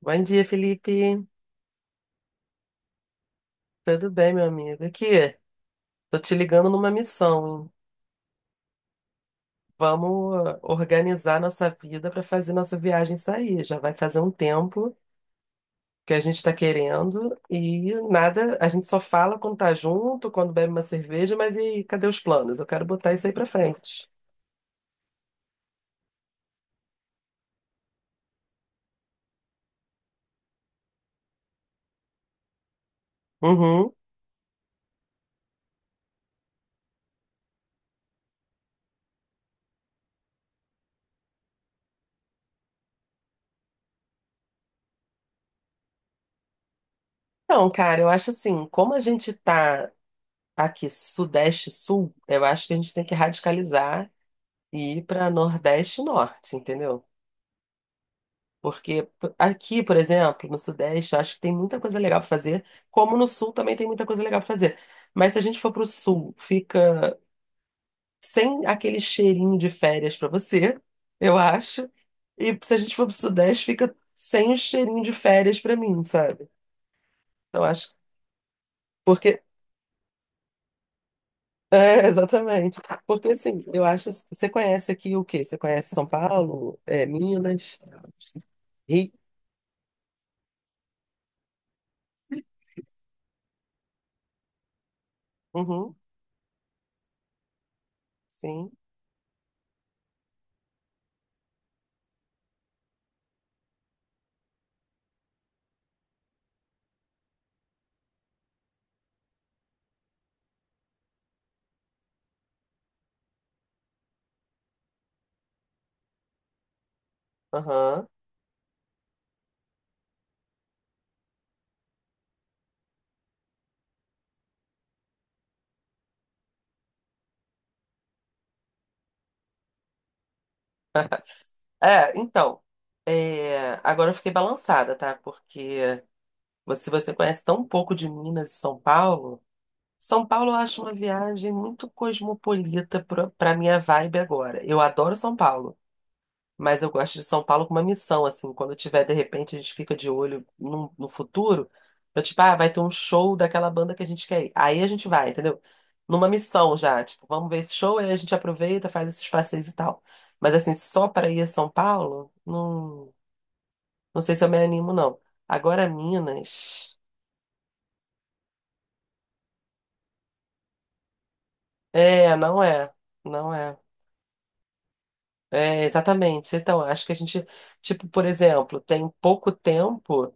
Bom dia, Felipe. Tudo bem, meu amigo? Aqui, tô te ligando numa missão, hein? Vamos organizar nossa vida para fazer nossa viagem sair. Já vai fazer um tempo que a gente está querendo e nada, a gente só fala quando tá junto, quando bebe uma cerveja, mas e aí, cadê os planos? Eu quero botar isso aí para frente. Uhum. Então, cara, eu acho assim, como a gente tá aqui sudeste-sul, eu acho que a gente tem que radicalizar e ir para nordeste-norte, entendeu? Aqui, por exemplo, no Sudeste, eu acho que tem muita coisa legal para fazer, como no Sul também tem muita coisa legal para fazer. Mas se a gente for para o Sul, fica sem aquele cheirinho de férias para você, eu acho. E se a gente for para o Sudeste, fica sem o cheirinho de férias para mim, sabe? Então acho. Porque. É, exatamente. Porque assim, eu acho. Você conhece aqui o quê? Você conhece São Paulo, é, Minas, Rio? Uhum, sim. Aham. É, então, é, agora eu fiquei balançada, tá? Porque se você conhece tão pouco de Minas e São Paulo, São Paulo eu acho uma viagem muito cosmopolita pra minha vibe agora. Eu adoro São Paulo. Mas eu gosto de São Paulo com uma missão, assim. Quando eu tiver, de repente, a gente fica de olho no, futuro. Eu, tipo, ah, vai ter um show daquela banda que a gente quer ir. Aí a gente vai, entendeu? Numa missão já. Tipo, vamos ver esse show, aí a gente aproveita, faz esses passeios e tal. Mas, assim, só para ir a São Paulo, não, não sei se eu me animo, não. Agora, Minas. É, não é. Não é. É, exatamente. Então, acho que a gente, tipo, por exemplo, tem pouco tempo.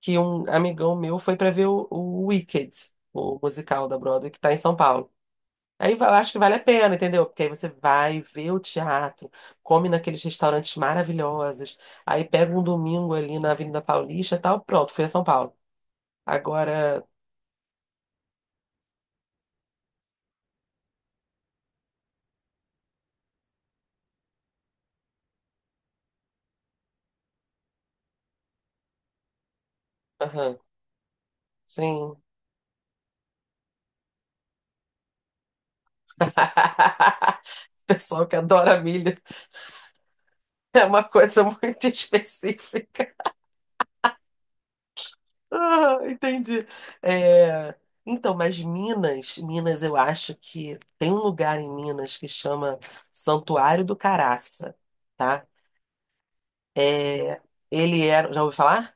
Que um amigão meu foi pra ver o Wicked, o musical da Broadway, que tá em São Paulo. Eu acho que vale a pena, entendeu? Porque aí você vai ver o teatro, come naqueles restaurantes maravilhosos, aí pega um domingo ali na Avenida Paulista e tal, pronto, fui a São Paulo. Agora, aham, sim. Pessoal que adora milho é uma coisa muito específica. Ah, entendi. É, então, mas Minas, Minas, eu acho que tem um lugar em Minas que chama Santuário do Caraça, tá? É, ele era, já ouviu falar?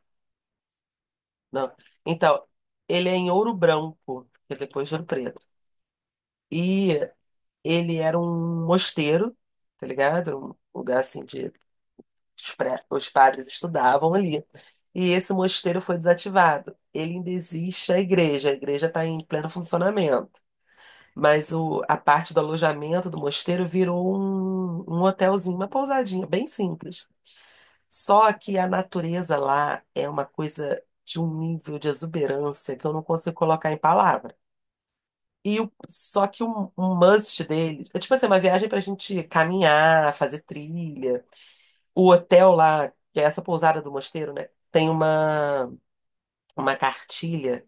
Não. Então, ele é em Ouro Branco, que é depois de Ouro Preto. E ele era um mosteiro, tá ligado? Era um lugar assim de os padres estudavam ali. E esse mosteiro foi desativado. Ele ainda existe a igreja está em pleno funcionamento. Mas a parte do alojamento do mosteiro virou um hotelzinho, uma pousadinha, bem simples. Só que a natureza lá é uma coisa de um nível de exuberância que eu não consigo colocar em palavra. E o, só que um must deles é tipo assim, uma viagem pra gente caminhar, fazer trilha. O hotel lá, que é essa pousada do mosteiro, né? Tem uma cartilha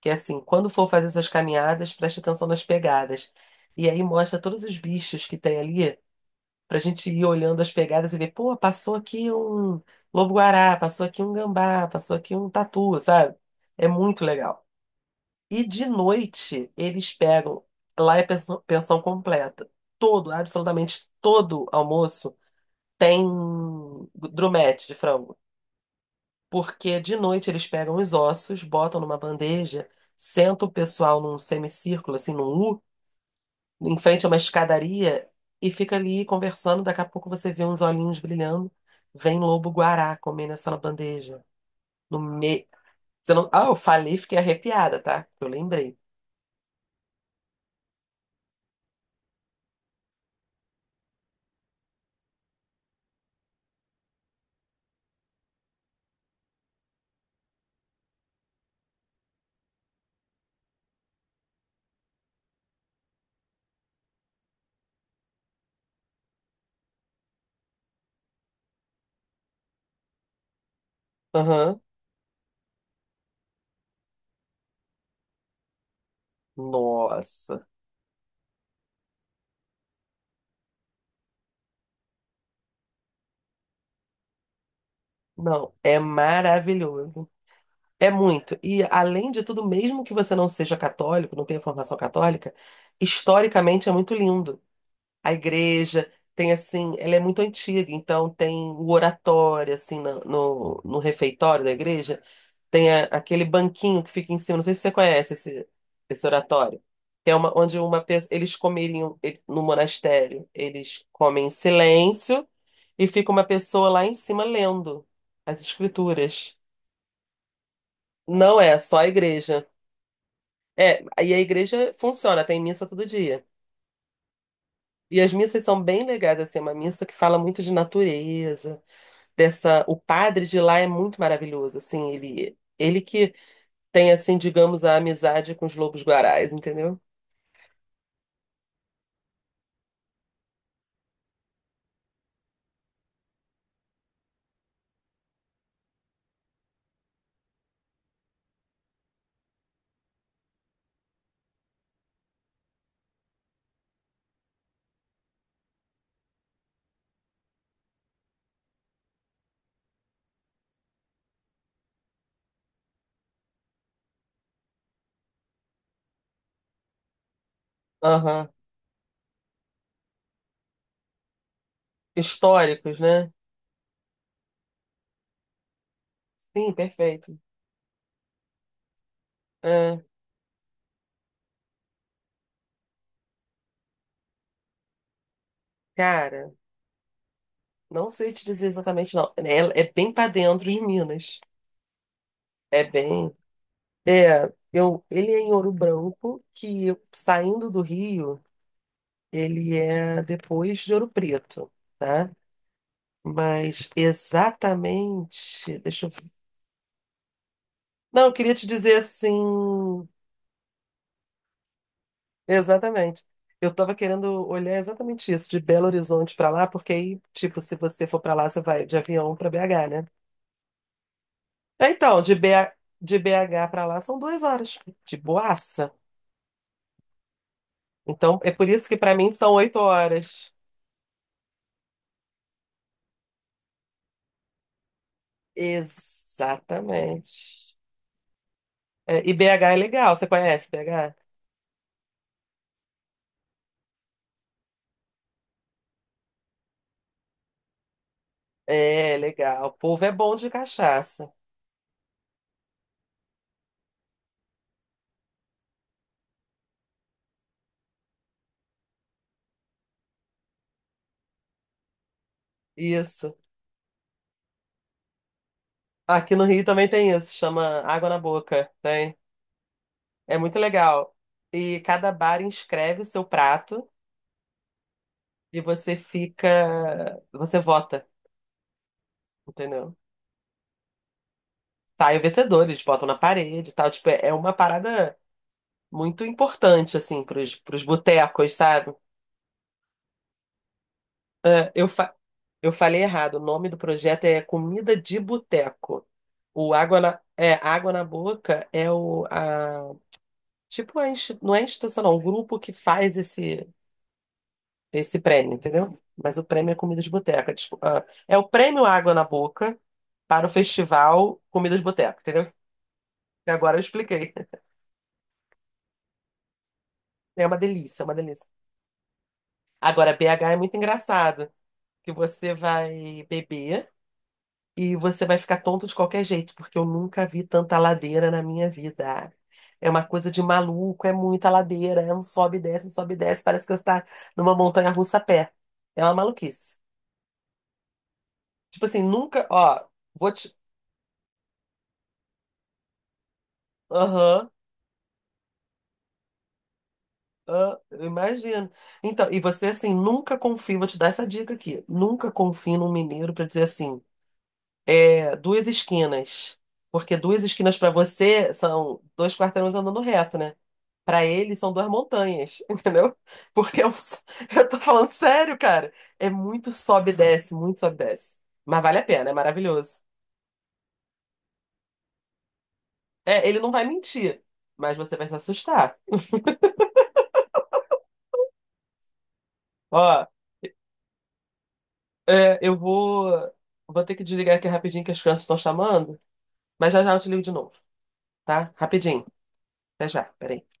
que é assim, quando for fazer suas caminhadas, preste atenção nas pegadas. E aí mostra todos os bichos que tem ali, pra gente ir olhando as pegadas e ver, pô, passou aqui um lobo-guará, passou aqui um gambá, passou aqui um tatu, sabe? É muito legal. E de noite, eles pegam, lá é pensão, pensão completa. Todo, absolutamente todo almoço tem drumete de frango porque de noite eles pegam os ossos, botam numa bandeja, sentam o pessoal num semicírculo, assim, num U, em frente a uma escadaria, e fica ali conversando. Daqui a pouco você vê uns olhinhos brilhando. Vem lobo-guará comer nessa bandeja. No meio. Você não... Ah, eu falei, fiquei arrepiada, tá? Eu lembrei. Aham. Nossa. Não, é maravilhoso. É muito. E, além de tudo, mesmo que você não seja católico, não tenha formação católica, historicamente é muito lindo. A igreja tem, assim, ela é muito antiga, então tem o oratório, assim, no refeitório da igreja, tem aquele banquinho que fica em cima, não sei se você conhece esse, esse oratório, que é uma, onde uma pessoa, eles comeriam, no monastério, eles comem em silêncio e fica uma pessoa lá em cima lendo as escrituras. Não é só a igreja. É, e a igreja funciona, tem missa todo dia. E as missas são bem legais, assim, é uma missa que fala muito de natureza, dessa, o padre de lá é muito maravilhoso, assim, ele que tem assim, digamos, a amizade com os lobos-guarais, entendeu? Aham. Históricos, né? Sim, perfeito. É, cara, não sei te dizer exatamente não. É, é bem para dentro de Minas. É bem, é, eu, ele é em Ouro Branco, que saindo do Rio. Ele é depois de Ouro Preto, tá? Mas exatamente. Deixa eu ver. Não, eu queria te dizer assim. Exatamente. Eu tava querendo olhar exatamente isso, de Belo Horizonte pra lá, porque aí, tipo, se você for pra lá, você vai de avião pra BH, né? É, então, de BH, de BH para lá são 2 horas, de boaça. Então, é por isso que pra mim são 8 horas. Exatamente. É, e BH é legal, você conhece BH? É, legal. O povo é bom de cachaça. Isso. Aqui no Rio também tem isso, chama água na boca. Tem. É muito legal. E cada bar inscreve o seu prato e você fica. Você vota, entendeu? Sai o vencedor, eles botam na parede e tal. Tipo, é uma parada muito importante, assim, pros botecos, sabe? É, eu, fa... eu falei errado. O nome do projeto é Comida de Boteco. O água na... É, água na boca é a- tipo, a insti- não é instituição, não, o grupo que faz esse prêmio, entendeu? Mas o prêmio é comida de boteca. Tipo, ah, é o prêmio Água na Boca para o festival Comida de Boteca, entendeu? E agora eu expliquei. É uma delícia, é uma delícia. Agora, BH é muito engraçado, que você vai beber e você vai ficar tonto de qualquer jeito, porque eu nunca vi tanta ladeira na minha vida. É uma coisa de maluco, é muita ladeira, é um sobe e desce, um sobe e desce, parece que você está numa montanha-russa a pé. É uma maluquice. Tipo assim, nunca, ó, vou te. Aham, aham, eu imagino. Então, e você assim, nunca confia, vou te dar essa dica aqui. Nunca confie num mineiro pra dizer assim, é, duas esquinas. Porque duas esquinas pra você são dois quarteirões andando reto, né? Pra ele são duas montanhas, entendeu? Porque eu tô falando sério, cara. É muito sobe e desce, muito sobe e desce. Mas vale a pena, é maravilhoso. É, ele não vai mentir, mas você vai se assustar. Ó. É, eu vou, vou ter que desligar aqui rapidinho que as crianças estão chamando, mas já já eu te ligo de novo, tá? Rapidinho. Até já, peraí.